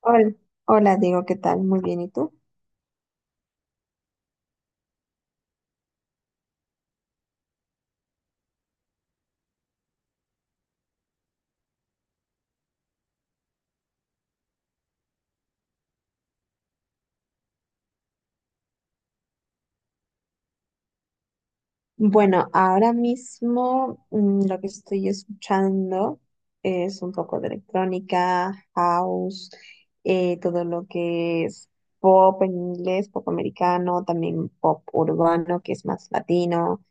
Hola, hola Diego, ¿qué tal? Muy bien, ¿y tú? Bueno, ahora mismo lo que estoy escuchando es un poco de electrónica, house, todo lo que es pop en inglés, pop americano, también pop urbano, que es más latino.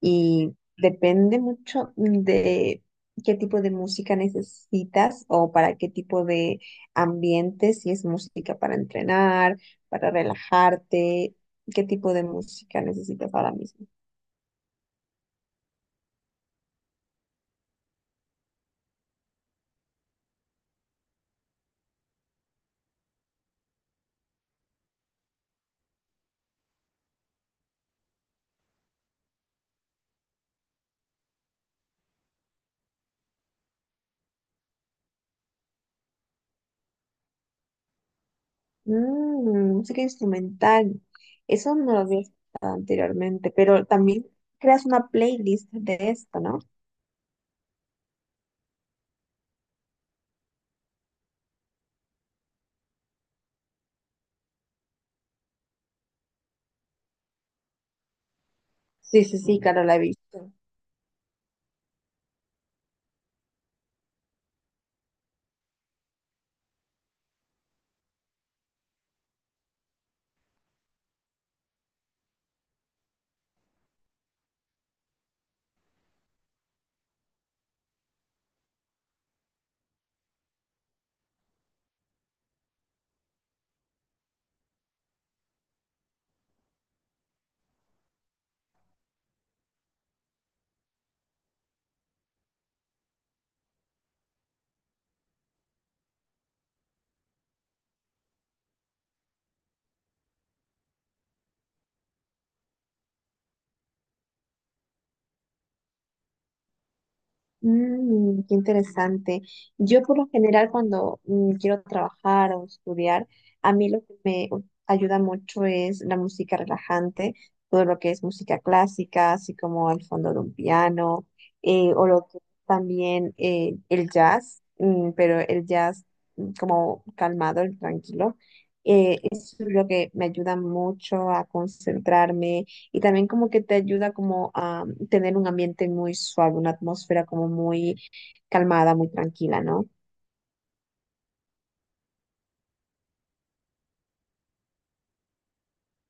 Y depende mucho de qué tipo de música necesitas o para qué tipo de ambiente, si es música para entrenar, para relajarte, qué tipo de música necesitas ahora mismo. Mm, música instrumental, eso no lo había escuchado anteriormente, pero también creas una playlist de esto, ¿no? Sí, sí, sí, claro, la he visto. Mm, qué interesante. Yo por lo general cuando quiero trabajar o estudiar, a mí lo que ayuda mucho es la música relajante, todo lo que es música clásica, así como el fondo de un piano, o lo que también el jazz, pero el jazz como calmado, el tranquilo. Eso es lo que me ayuda mucho a concentrarme y también como que te ayuda como a tener un ambiente muy suave, una atmósfera como muy calmada, muy tranquila, ¿no?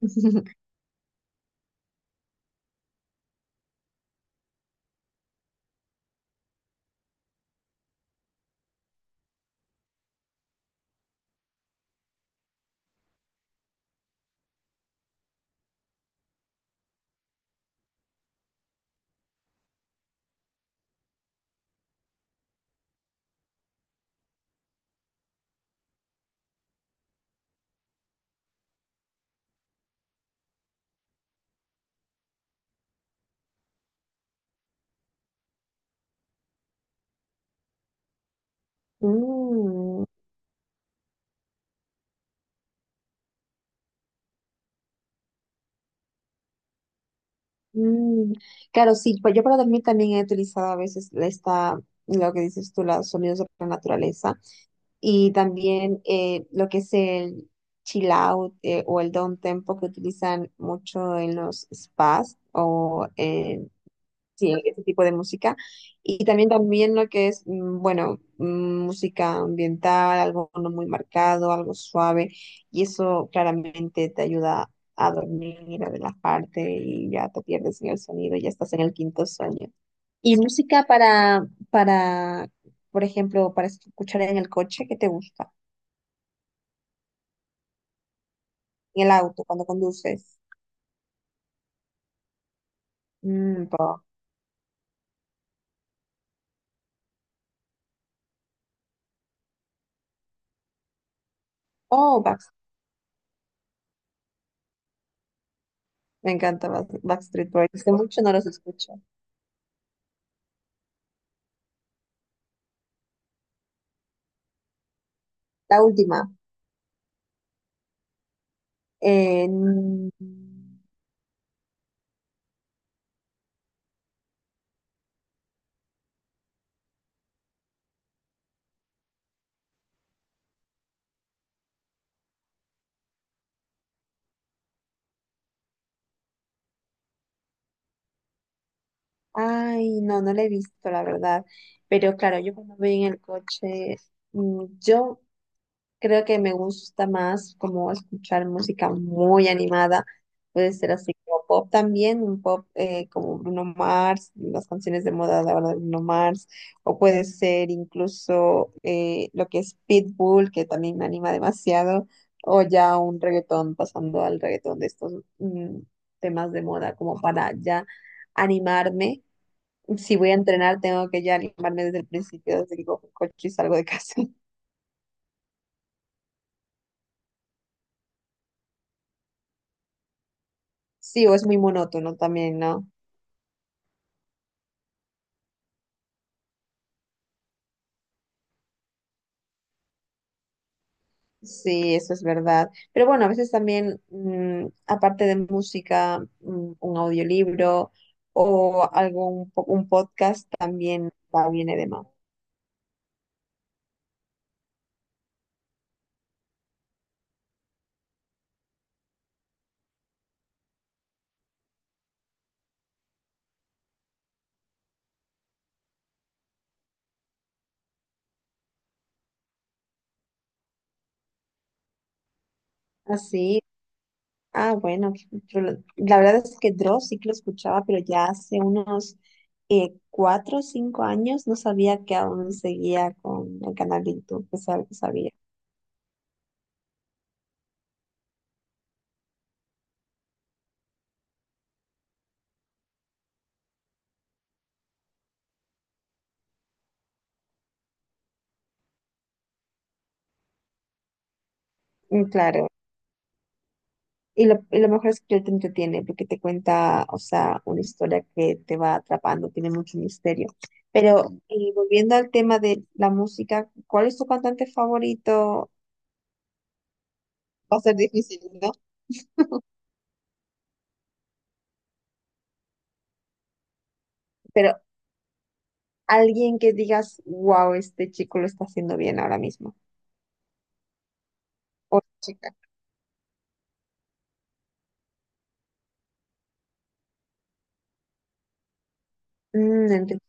Mm, mm. Claro, sí, pues yo para dormir también he utilizado a veces esta, lo que dices tú, los sonidos de la naturaleza y también lo que es el chill out o el down tempo que utilizan mucho en los spas o en sí, ese tipo de música. Y también lo que es, bueno, música ambiental, algo no muy marcado, algo suave. Y eso claramente te ayuda a dormir, a relajarte y ya te pierdes en el sonido, ya estás en el quinto sueño. Y música para, por ejemplo, para escuchar en el coche, ¿qué te gusta? En el auto, cuando conduces. Mm, rock. Oh, me encanta Backstreet Boys. Hace mucho no los escucho. La última. Eh, ay, no, no la he visto, la verdad. Pero claro, yo cuando voy en el coche, yo creo que me gusta más como escuchar música muy animada. Puede ser así como pop también, un pop como Bruno Mars, las canciones de moda de ahora de Bruno Mars, o puede ser incluso lo que es Pitbull, que también me anima demasiado, o ya un reggaetón, pasando al reggaetón de estos mm, temas de moda, como para ya animarme. Si voy a entrenar, tengo que ya animarme desde el principio, desde que cojo el coche y salgo de casa. Sí, o es muy monótono también, ¿no? Sí, eso es verdad. Pero bueno, a veces también, aparte de música, un audiolibro o un podcast también va, viene de más. Así, ah, bueno, qué chulo. La verdad es que Dross sí que lo escuchaba, pero ya hace unos cuatro o cinco años no sabía que aún seguía con el canal de YouTube, que que sabía. Mm, claro. Y lo mejor es que él te entretiene porque te cuenta, o sea, una historia que te va atrapando, tiene mucho misterio. Pero volviendo al tema de la música, ¿cuál es tu cantante favorito? Va a ser difícil, ¿no? Pero alguien que digas, wow, este chico lo está haciendo bien ahora mismo. O chica. Mm, enti-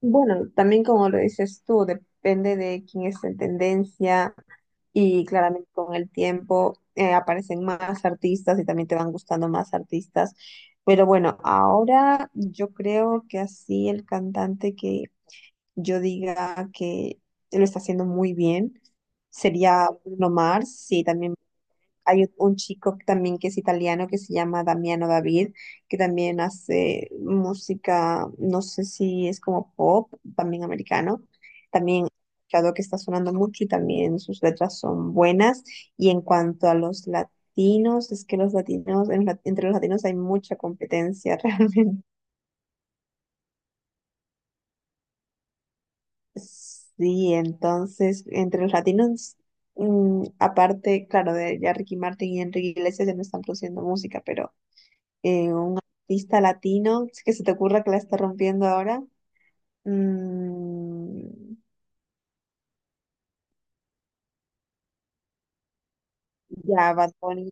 Bueno, también como lo dices tú, depende de quién es en tendencia, y claramente con el tiempo aparecen más artistas y también te van gustando más artistas. Pero bueno, ahora yo creo que así el cantante que yo diga que lo está haciendo muy bien sería Bruno Mars. Sí, también hay un chico también que es italiano que se llama Damiano David, que también hace música, no sé si es como pop, también americano. También he escuchado que está sonando mucho y también sus letras son buenas. Y en cuanto a los latinos, es que los latinos, entre los latinos hay mucha competencia realmente. Sí, entonces, entre los latinos, aparte, claro, de ya Ricky Martin y Enrique Iglesias ya no están produciendo música, pero un artista latino que se te ocurra que la está rompiendo ahora. Mm, ya, Bad Bunny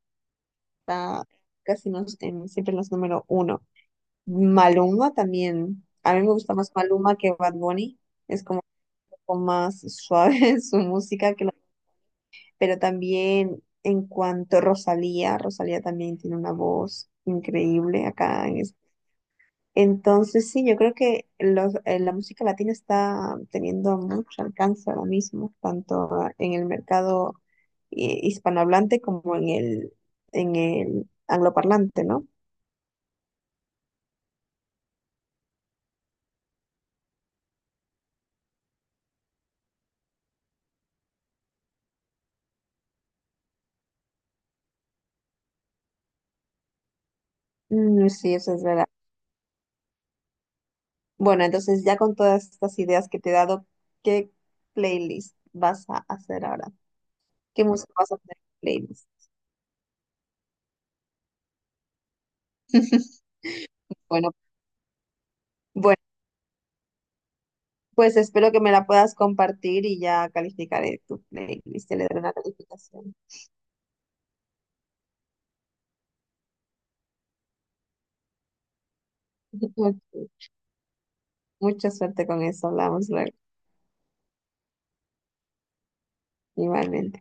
está siempre en los número uno. Maluma también. A mí me gusta más Maluma que Bad Bunny. Es como un poco más suave su música que la- Pero también en cuanto a Rosalía, Rosalía también tiene una voz increíble acá en entonces, sí, yo creo que la música latina está teniendo mucho alcance ahora mismo, tanto en el mercado hispanohablante como en el angloparlante, ¿no? Mm, sí, eso es verdad. Bueno, entonces ya con todas estas ideas que te he dado, ¿qué playlist vas a hacer ahora? ¿Qué música vas a hacer en playlist? Bueno, bueno, pues espero que me la puedas compartir y ya calificaré tu playlist, te le daré una calificación. Ok. Mucha suerte con eso. Hablamos luego. Igualmente.